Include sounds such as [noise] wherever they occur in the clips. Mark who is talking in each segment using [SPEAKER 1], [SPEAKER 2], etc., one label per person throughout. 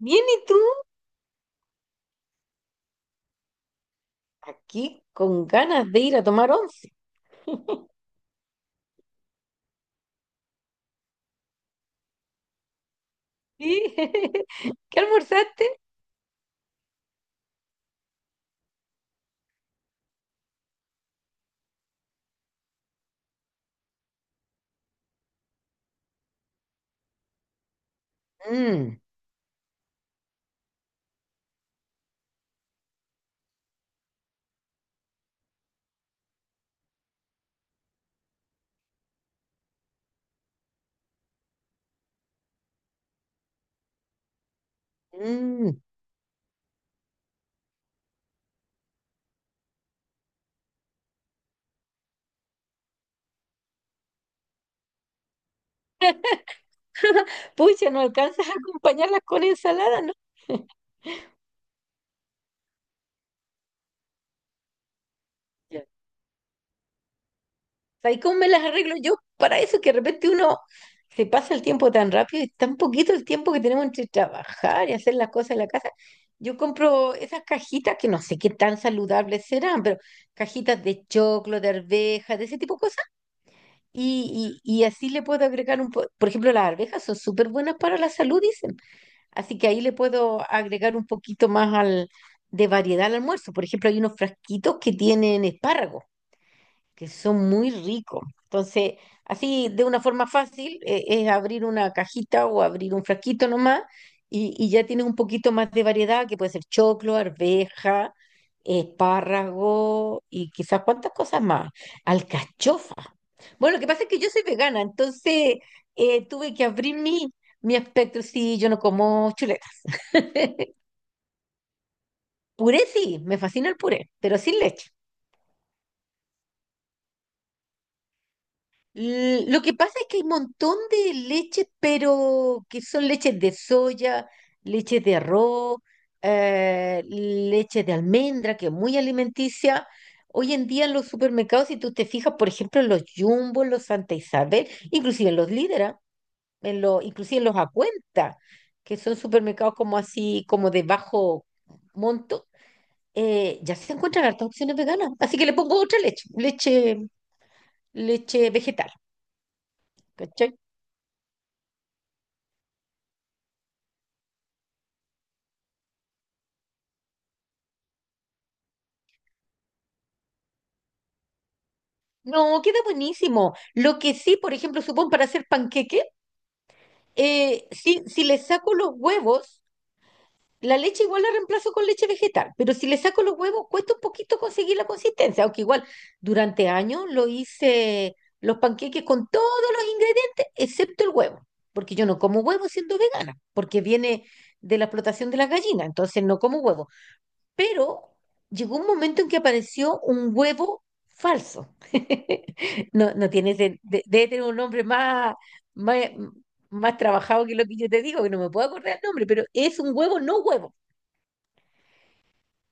[SPEAKER 1] Bien, ¿y tú? Aquí con ganas de ir a tomar once. Sí. [laughs] ¿Qué almorzaste? Mm, mm. [laughs] Pucha, no alcanzas a acompañarlas con ensalada, ¿no? [laughs] Ya. ¿Sabes cómo me las arreglo yo? Para eso que de repente uno se pasa el tiempo tan rápido y tan poquito el tiempo que tenemos entre trabajar y hacer las cosas en la casa. Yo compro esas cajitas que no sé qué tan saludables serán, pero cajitas de choclo, de arvejas, de ese tipo de cosas. Y así le puedo agregar por ejemplo, las arvejas son súper buenas para la salud, dicen. Así que ahí le puedo agregar un poquito más al, de variedad al almuerzo. Por ejemplo, hay unos frasquitos que tienen espárragos que son muy ricos. Entonces, así de una forma fácil, es abrir una cajita o abrir un frasquito nomás y ya tienes un poquito más de variedad, que puede ser choclo, arveja, espárrago y quizás cuántas cosas más. Alcachofa. Bueno, lo que pasa es que yo soy vegana, entonces tuve que abrir mi espectro. Sí, yo no como chuleta. [laughs] Puré sí, me fascina el puré, pero sin leche. Lo que pasa es que hay un montón de leches, pero que son leches de soya, leches de arroz, leche de almendra, que es muy alimenticia. Hoy en día en los supermercados, si tú te fijas, por ejemplo, en los Jumbo, en los Santa Isabel, inclusive en los Líderes, en los, inclusive en los Acuenta, que son supermercados como así, como de bajo monto, ya se encuentran hartas opciones veganas. Así que le pongo otra leche, leche vegetal. ¿Cachai? No, queda buenísimo. Lo que sí, por ejemplo, supón para hacer panqueque, si le saco los huevos, la leche igual la reemplazo con leche vegetal, pero si le saco los huevos, cuesta un poquito conseguir la consistencia, aunque igual durante años lo hice los panqueques con todos los ingredientes, excepto el huevo, porque yo no como huevo siendo vegana, porque viene de la explotación de las gallinas, entonces no como huevo. Pero llegó un momento en que apareció un huevo falso. [laughs] No, no tiene, debe tener un nombre más, más trabajado que lo que yo te digo, que no me puedo acordar el nombre, pero es un huevo no huevo.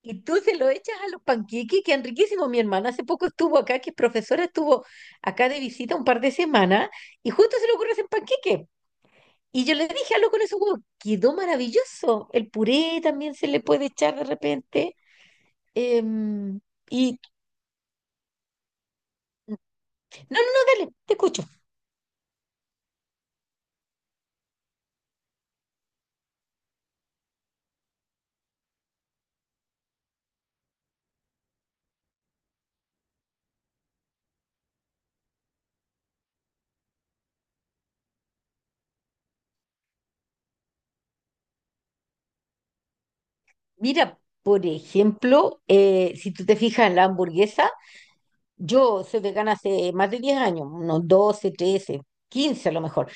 [SPEAKER 1] Y tú se lo echas a los panqueques, que han riquísimos. Mi hermana hace poco estuvo acá, que es profesora, estuvo acá de visita un par de semanas, y justo se le ocurre hacer panqueque. Y yo le dije, hazlo con esos huevos. Quedó maravilloso. El puré también se le puede echar de repente. Em, y no, dale, te escucho. Mira, por ejemplo, si tú te fijas en la hamburguesa, yo soy vegana hace más de 10 años, unos 12, 13, 15 a lo mejor.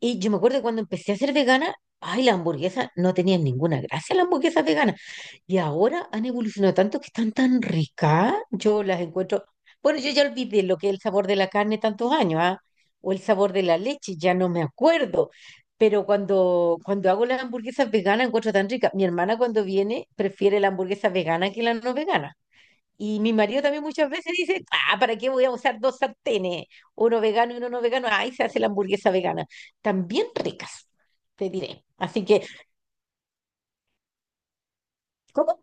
[SPEAKER 1] Y yo me acuerdo que cuando empecé a ser vegana, ay, las hamburguesas no tenían ninguna gracia, las hamburguesas veganas. Y ahora han evolucionado tanto que están tan ricas. Yo las encuentro. Bueno, yo ya olvidé lo que es el sabor de la carne tantos años, ¿ah? O el sabor de la leche, ya no me acuerdo. Pero cuando hago las hamburguesas veganas, encuentro tan ricas. Mi hermana cuando viene prefiere la hamburguesa vegana que la no vegana. Y mi marido también muchas veces dice, ah, ¿para qué voy a usar dos sartenes? Uno vegano y uno no vegano. Ahí se hace la hamburguesa vegana. También ricas, te diré. Así que, ¿cómo?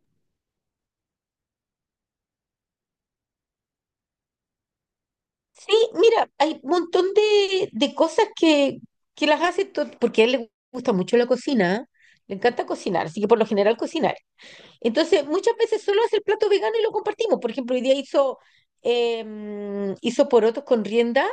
[SPEAKER 1] Sí, mira, hay un montón de cosas que las hace, porque a él le gusta mucho la cocina, ¿eh? Le encanta cocinar, así que por lo general cocinar. Entonces, muchas veces solo hace el plato vegano y lo compartimos. Por ejemplo, hoy día hizo, hizo porotos con rienda.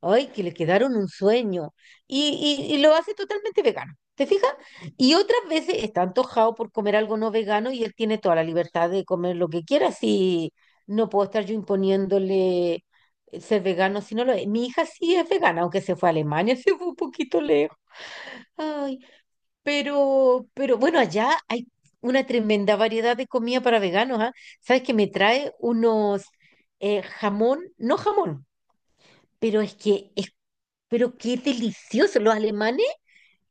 [SPEAKER 1] Ay, que le quedaron un sueño. Y, y lo hace totalmente vegano. ¿Te fijas? Y otras veces está antojado por comer algo no vegano y él tiene toda la libertad de comer lo que quiera. Si no puedo estar yo imponiéndole ser vegano si no lo es. Mi hija sí es vegana, aunque se fue a Alemania, [laughs] se fue un poquito lejos. Ay, pero bueno, allá hay una tremenda variedad de comida para veganos, ¿ah? ¿Sabes que me trae unos jamón, no jamón? Pero es que es pero qué delicioso. Los alemanes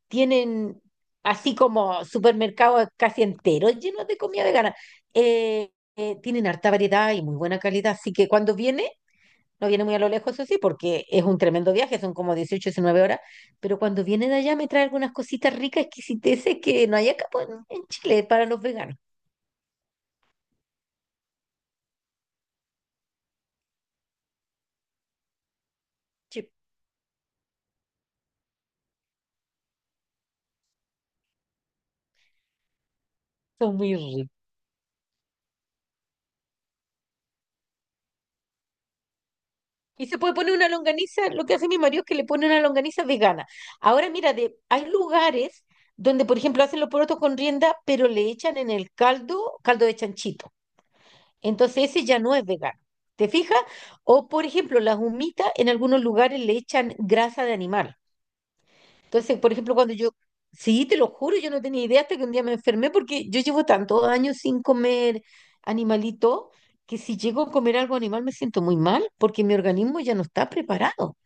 [SPEAKER 1] tienen así como supermercados casi enteros llenos de comida vegana. Eh, tienen harta variedad y muy buena calidad. Así que cuando viene, no viene muy a lo lejos, eso sí, porque es un tremendo viaje, son como 18-19 horas. Pero cuando viene de allá me trae algunas cositas ricas, exquisiteces que no hay acá pues, en Chile para los veganos. Sí, son muy ricos. Y se puede poner una longaniza, lo que hace mi marido es que le pone una longaniza vegana. Ahora mira, de, hay lugares donde, por ejemplo, hacen los porotos con rienda, pero le echan en el caldo, caldo de chanchito. Entonces ese ya no es vegano. ¿Te fijas? O, por ejemplo, las humitas en algunos lugares le echan grasa de animal. Entonces, por ejemplo, sí, te lo juro, yo no tenía idea hasta que un día me enfermé porque yo llevo tantos años sin comer animalito que si llego a comer algo animal me siento muy mal porque mi organismo ya no está preparado.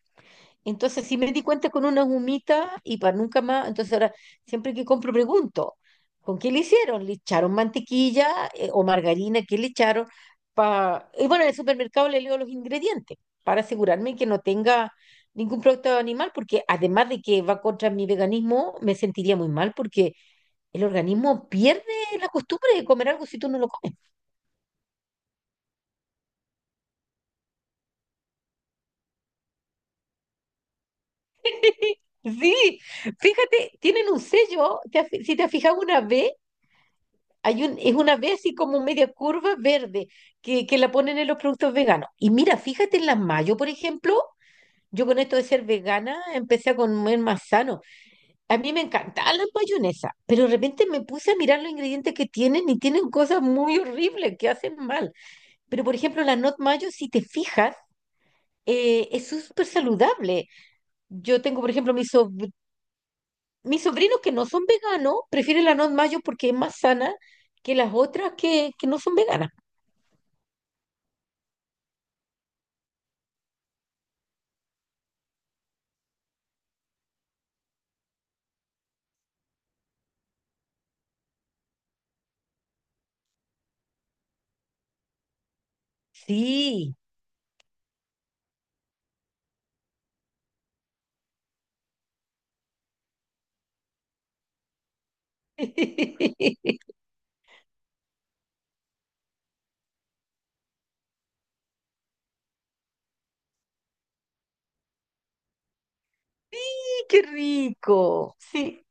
[SPEAKER 1] Entonces, si me di cuenta con una humita y para nunca más, entonces ahora siempre que compro pregunto, ¿con qué le hicieron? ¿Le echaron mantequilla o margarina? ¿Qué le echaron? Pa... Y bueno, en el supermercado le leo los ingredientes para asegurarme que no tenga ningún producto animal, porque además de que va contra mi veganismo, me sentiría muy mal porque el organismo pierde la costumbre de comer algo si tú no lo comes. [laughs] Sí, fíjate, tienen un sello, si te has fijado una vez. Es una vez así como media curva verde que la ponen en los productos veganos. Y mira, fíjate en las mayo, por ejemplo, yo con esto de ser vegana empecé a comer más sano. A mí me encantaban las mayonesas, pero de repente me puse a mirar los ingredientes que tienen y tienen cosas muy horribles que hacen mal. Pero por ejemplo, la not mayo, si te fijas, es súper saludable. Yo tengo, por ejemplo, mis sobrinos que no son veganos, prefieren la not mayo porque es más sana que las otras que no son veganas. Sí. [laughs] Sí, qué rico. Sí,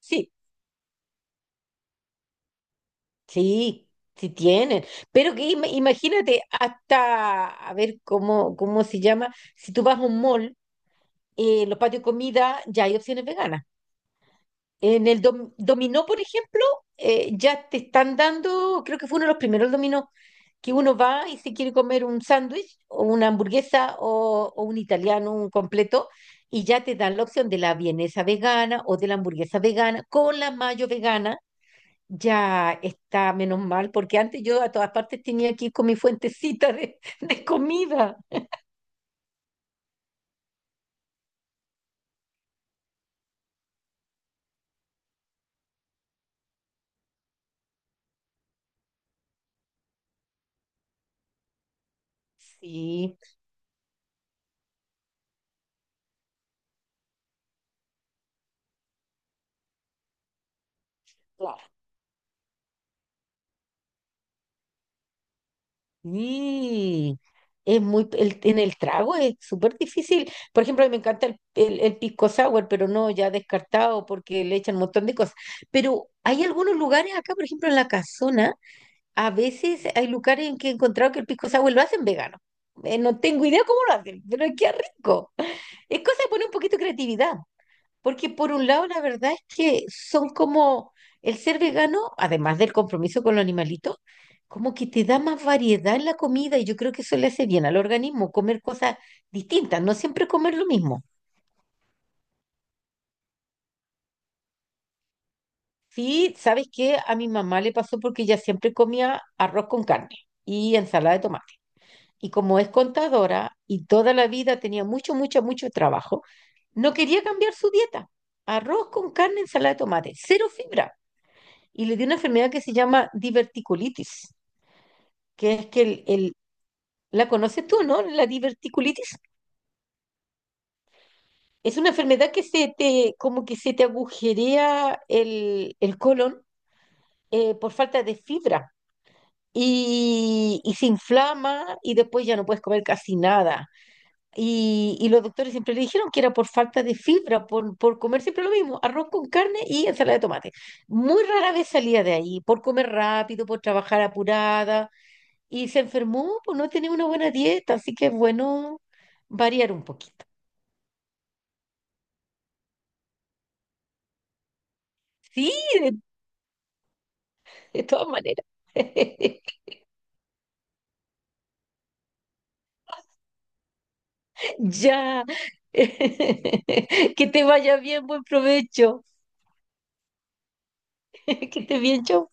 [SPEAKER 1] sí, sí, sí tienen. Pero que imagínate hasta, a ver cómo se llama, si tú vas a un mall, los patios de comida, ya hay opciones veganas. En el dominó, por ejemplo, ya te están dando, creo que fue uno de los primeros dominó, que uno va y se quiere comer un sándwich o una hamburguesa o un italiano, un completo, y ya te dan la opción de la vienesa vegana o de la hamburguesa vegana con la mayo vegana. Ya está menos mal, porque antes yo a todas partes tenía que ir con mi fuentecita de comida. Sí, claro. Mm, en el trago es súper difícil. Por ejemplo, a mí me encanta el pisco sour, pero no, ya descartado porque le echan un montón de cosas. Pero hay algunos lugares acá, por ejemplo, en la casona, a veces hay lugares en que he encontrado que el pisco sour lo hacen vegano. No tengo idea cómo lo hacen, pero qué rico. Es cosa de poner un poquito de creatividad. Porque por un lado, la verdad es que son como el ser vegano, además del compromiso con los animalitos, como que te da más variedad en la comida y yo creo que eso le hace bien al organismo, comer cosas distintas, no siempre comer lo mismo. Sí, ¿sabes qué? A mi mamá le pasó porque ella siempre comía arroz con carne y ensalada de tomate. Y como es contadora y toda la vida tenía mucho trabajo, no quería cambiar su dieta. Arroz con carne, ensalada de tomate, cero fibra. Y le dio una enfermedad que se llama diverticulitis, que es que la conoces tú, ¿no? La diverticulitis. Es una enfermedad que se te, como que se te agujerea el colon por falta de fibra y se inflama y después ya no puedes comer casi nada. Y los doctores siempre le dijeron que era por falta de fibra, por comer siempre lo mismo, arroz con carne y ensalada de tomate. Muy rara vez salía de ahí, por comer rápido, por trabajar apurada y se enfermó por no tener una buena dieta, así que es bueno variar un poquito. Sí, de, de todas maneras. [laughs] Ya. [laughs] Que te vaya bien, buen provecho. [laughs] Que estés bien, chau.